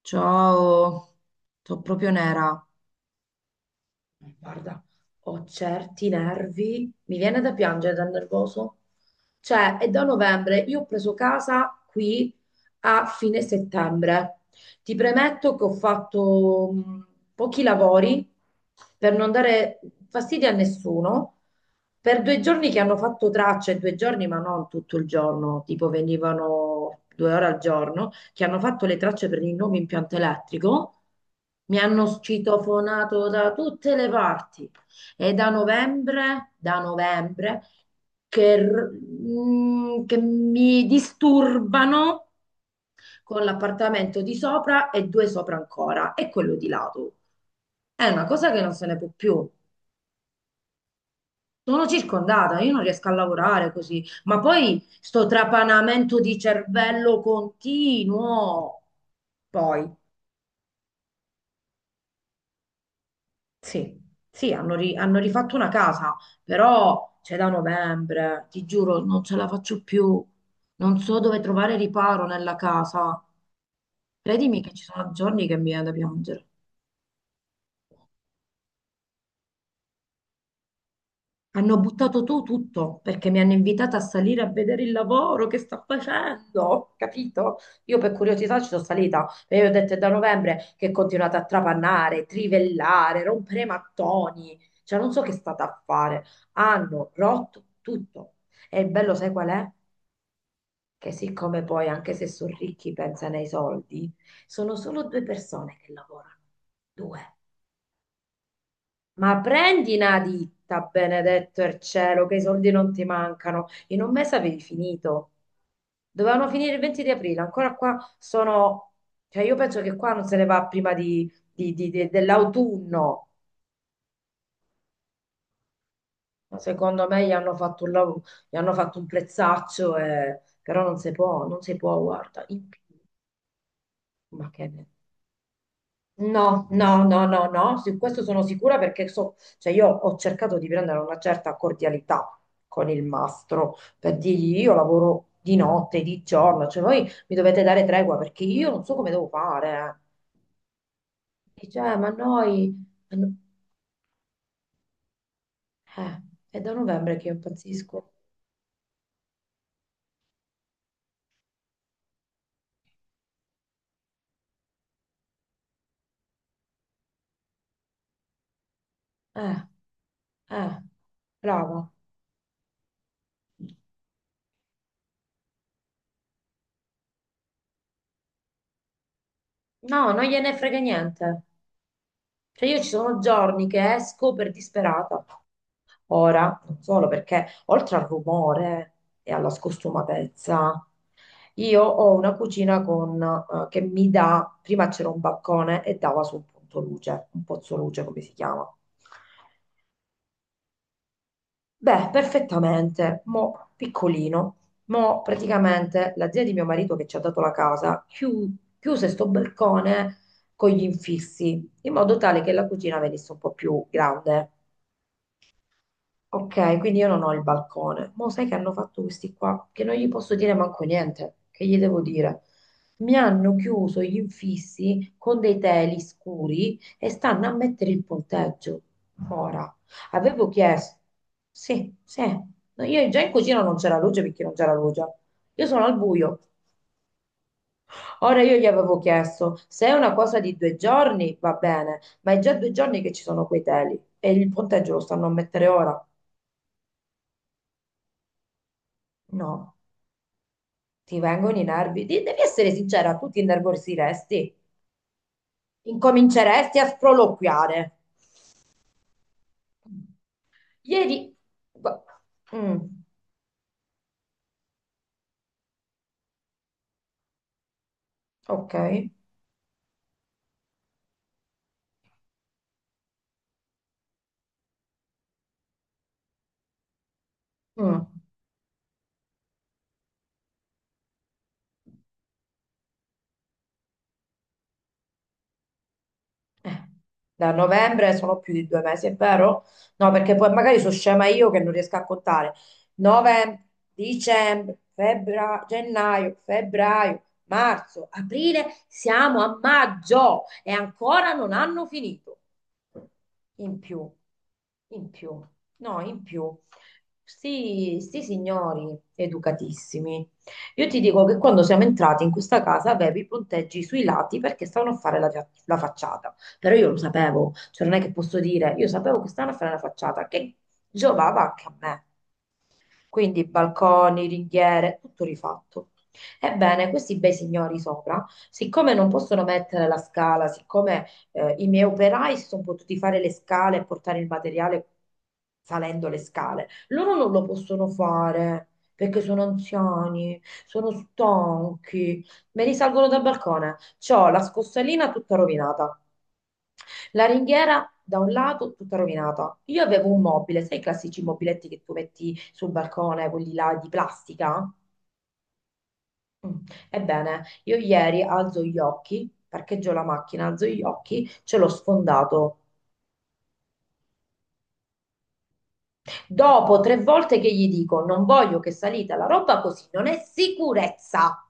Ciao, sono proprio nera. Guarda, ho certi nervi, mi viene da piangere dal nervoso. Cioè, è da novembre, io ho preso casa qui a fine settembre. Ti premetto che ho fatto pochi lavori per non dare fastidio a nessuno per due giorni che hanno fatto tracce, due giorni ma non tutto il giorno, tipo venivano due ore al giorno, che hanno fatto le tracce per il nuovo impianto elettrico, mi hanno citofonato da tutte le parti. E da novembre, che, che mi disturbano con l'appartamento di sopra e due sopra ancora, e quello di lato. È una cosa che non se ne può più. Sono circondata, io non riesco a lavorare così, ma poi sto trapanamento di cervello continuo. Poi, sì, sì, hanno, hanno rifatto una casa, però c'è da novembre, ti giuro, non ce la faccio più. Non so dove trovare riparo nella casa. Credimi che ci sono giorni che mi viene da piangere. Hanno buttato tu tutto perché mi hanno invitata a salire a vedere il lavoro che sta facendo, capito? Io per curiosità ci sono salita e io ho detto è da novembre che continuate a trapannare, trivellare, rompere mattoni, cioè non so che state a fare. Hanno rotto tutto. E il bello sai qual è? Che siccome poi anche se sono ricchi pensano ai soldi, sono solo due persone che lavorano, due. Ma prendi una ditta, benedetto il cielo, che i soldi non ti mancano. In un mese avevi finito. Dovevano finire il 20 di aprile, ancora qua sono... Cioè io penso che qua non se ne va prima di, dell'autunno. Ma secondo me gli hanno fatto un, gli hanno fatto un prezzaccio, però non si può, non si può, guarda. In più. Ma che ne... No, no, no, no, no, su questo sono sicura perché so, cioè io ho cercato di prendere una certa cordialità con il mastro per dirgli io lavoro di notte, di giorno, cioè voi mi dovete dare tregua perché io non so come devo fare. Eh. Dice: ma noi... ma eh, è da novembre che io impazzisco." Eh, eh, bravo. No, non gliene frega niente. Cioè io ci sono giorni che esco per disperata. Ora, non solo perché oltre al rumore e alla scostumatezza, io ho una cucina con, che mi dà, prima c'era un balcone e dava su un punto luce, un pozzo luce come si chiama. Beh, perfettamente, mo piccolino, mo praticamente la zia di mio marito che ci ha dato la casa chiuse sto balcone con gli infissi, in modo tale che la cucina venisse un po' più grande. Ok, quindi io non ho il balcone. Ma sai che hanno fatto questi qua? Che non gli posso dire manco niente. Che gli devo dire? Mi hanno chiuso gli infissi con dei teli scuri e stanno a mettere il ponteggio. Ora, avevo chiesto. Sì, sì. No, io già in cucina non c'era luce perché non c'era luce. Io sono al buio. Ora io gli avevo chiesto se è una cosa di due giorni va bene, ma è già due giorni che ci sono quei teli e il ponteggio lo stanno a mettere ora. No. Ti vengono i nervi? Devi essere sincera, tu ti innervosiresti, incominceresti a sproloquiare. Ieri... Gu- Mm, ok. Mm. Eh, da novembre sono più di due mesi, è vero? No, perché poi magari sono scema io che non riesco a contare. Novembre, dicembre, febbraio, gennaio, febbraio, marzo, aprile, siamo a maggio e ancora non hanno finito. In più, in più, no, in più. Sti signori educatissimi. Io ti dico che quando siamo entrati in questa casa avevi i punteggi sui lati perché stavano a fare la, la facciata. Però io lo sapevo, cioè non è che posso dire, io sapevo che stavano a fare la facciata, che giovava anche a me. Quindi balconi, ringhiere, tutto rifatto. Ebbene, questi bei signori sopra, siccome non possono mettere la scala, siccome i miei operai si sono potuti fare le scale e portare il materiale salendo le scale. Loro non lo possono fare perché sono anziani, sono stanchi, me li salgono dal balcone. C'ho la scossalina tutta rovinata, la ringhiera da un lato tutta rovinata. Io avevo un mobile, sai i classici mobiletti che tu metti sul balcone, quelli là di plastica? Mm. Ebbene, io ieri alzo gli occhi, parcheggio la macchina, alzo gli occhi, ce l'ho sfondato. Dopo tre volte che gli dico non voglio che salita la roba così, non è sicurezza.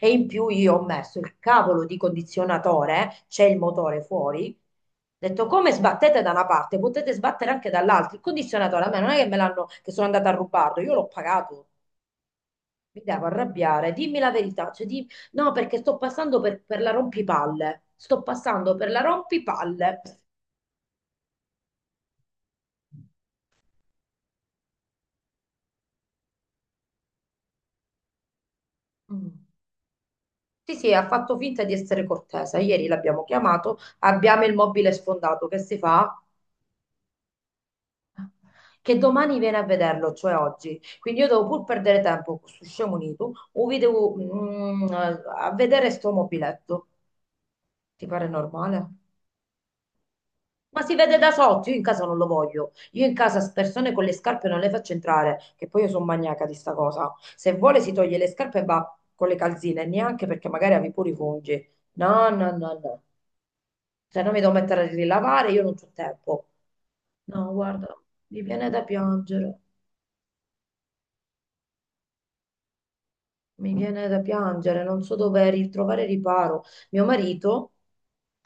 E in più io ho messo il cavolo di condizionatore, c'è il motore fuori. Ho detto come sbattete da una parte, potete sbattere anche dall'altra. Il condizionatore a me non è che me l'hanno, che sono andata a rubarlo, io l'ho pagato. Mi devo arrabbiare, dimmi la verità. Cioè, no, perché sto passando per la rompipalle. Sto passando per la rompipalle. Mm. Sì, sì, ha fatto finta di essere cortese. Ieri l'abbiamo chiamato, abbiamo il mobile sfondato. Che si fa? Che domani viene a vederlo, cioè oggi. Quindi io devo pur perdere tempo con sto scemo unito, o vi devo a vedere sto mobiletto. Ti pare normale? Ma si vede da sotto, io in casa non lo voglio. Io in casa persone con le scarpe non le faccio entrare, che poi io sono maniaca di sta cosa. Se vuole si toglie le scarpe e va con le calzine, neanche perché magari avevi pure i funghi. No, no, no, no. Cioè, non mi devo mettere a rilavare, io non ho tempo. No, guarda, mi viene da piangere, mi viene da piangere, non so dove ritrovare riparo. Mio marito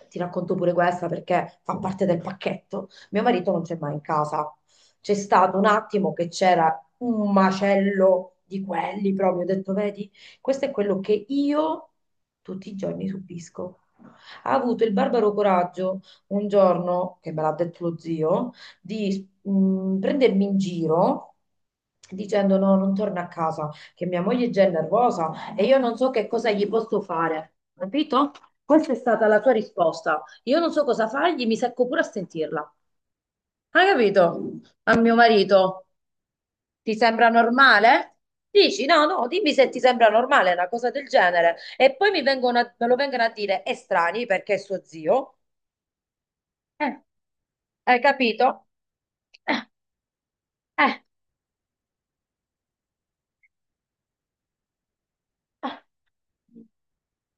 ti racconto pure questa perché fa parte del pacchetto. Mio marito non c'è mai in casa. C'è stato un attimo che c'era un macello di quelli proprio. Ho detto, vedi, questo è quello che io tutti i giorni subisco. Ha avuto il barbaro coraggio un giorno, che me l'ha detto lo zio, di prendermi in giro. Dicendo no, non torna a casa, che mia moglie è già è nervosa e io non so che cosa gli posso fare, capito? Questa è stata la tua risposta. Io non so cosa fargli, mi secco pure a sentirla. Hai capito? A mio marito, ti sembra normale? Dici no, no, dimmi se ti sembra normale una cosa del genere. E poi mi vengono me lo vengono a dire estranei perché è suo zio. Eh, hai capito? Eh.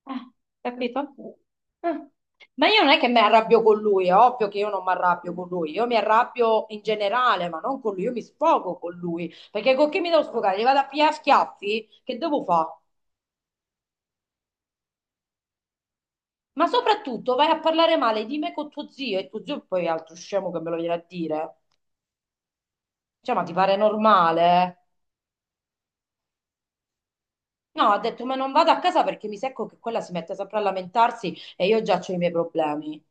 Eh, capito? Mm. Ma io non è che mi arrabbio con lui, è ovvio che io non mi arrabbio con lui, io mi arrabbio in generale, ma non con lui, io mi sfogo con lui, perché con chi mi devo sfogare? Gli vado a pigliare a schiaffi? Che devo fare? Ma soprattutto vai a parlare male di me con tuo zio e tuo zio poi è altro scemo che me lo viene a dire. Cioè, ma ti pare normale? No, ha detto, ma non vado a casa perché mi secco che quella si mette sempre a lamentarsi e io già ho i miei problemi.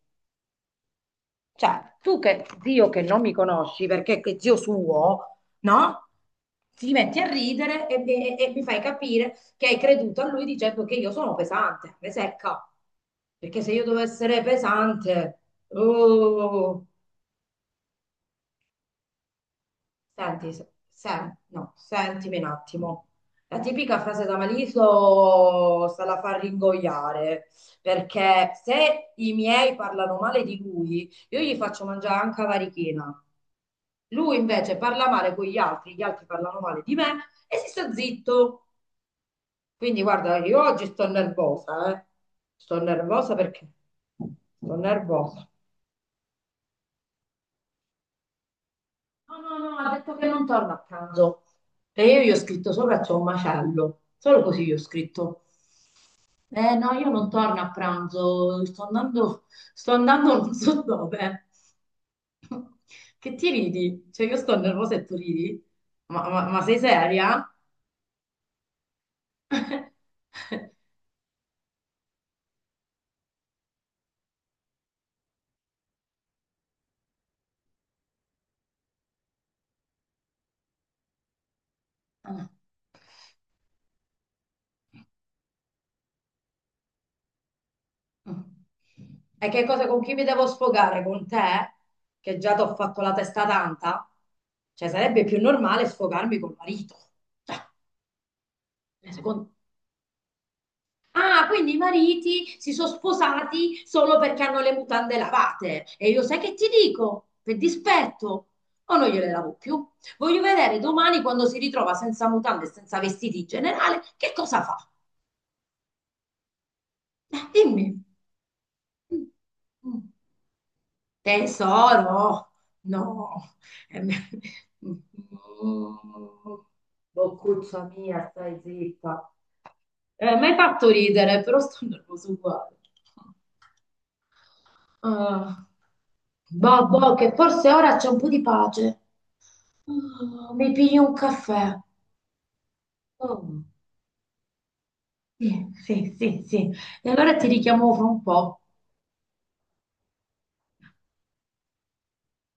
Cioè, tu che zio che non mi conosci perché che zio suo, no? Ti metti a ridere e, mi fai capire che hai creduto a lui dicendo che io sono pesante, me secca. Perché se io devo essere pesante, oh, senti, se, no, sentimi un attimo. La tipica frase da Maliso sta la fa ringoiare, perché se i miei parlano male di lui, io gli faccio mangiare anche la varichina. Lui invece parla male con gli altri parlano male di me e si sta zitto. Quindi guarda, io oggi sto nervosa, eh. Sto nervosa perché sto nervosa. No, no, no, ha detto che non torna a pranzo. E io gli ho scritto sopra c'è un macello, solo così gli ho scritto. Eh no, io non torno a pranzo, sto andando non so dove. Che ti ridi? Cioè io sto nervosa e tu ridi? Ma, ma sei seria? Ah, ah. E che cosa con chi mi devo sfogare? Con te? Che già ti ho fatto la testa tanta? Cioè, sarebbe più normale sfogarmi col marito. Cioè, secondo- Ah, quindi i mariti si sono sposati solo perché hanno le mutande lavate. E io sai che ti dico? Per dispetto. O non gliele lavo più. Voglio vedere domani quando si ritrova senza mutande e senza vestiti in generale, che cosa fa? Dimmi. Mm. Mm. Tesoro, no. Eh, mm, Boccuccia mia, stai zitta. Mi hai fatto ridere, però sto nervoso uguale. Ah, boh, boh, che forse ora c'è un po' di pace. Ah, mi piglio un caffè. Oh, sì, sì, sì, sì. E allora ti richiamo fra un po'.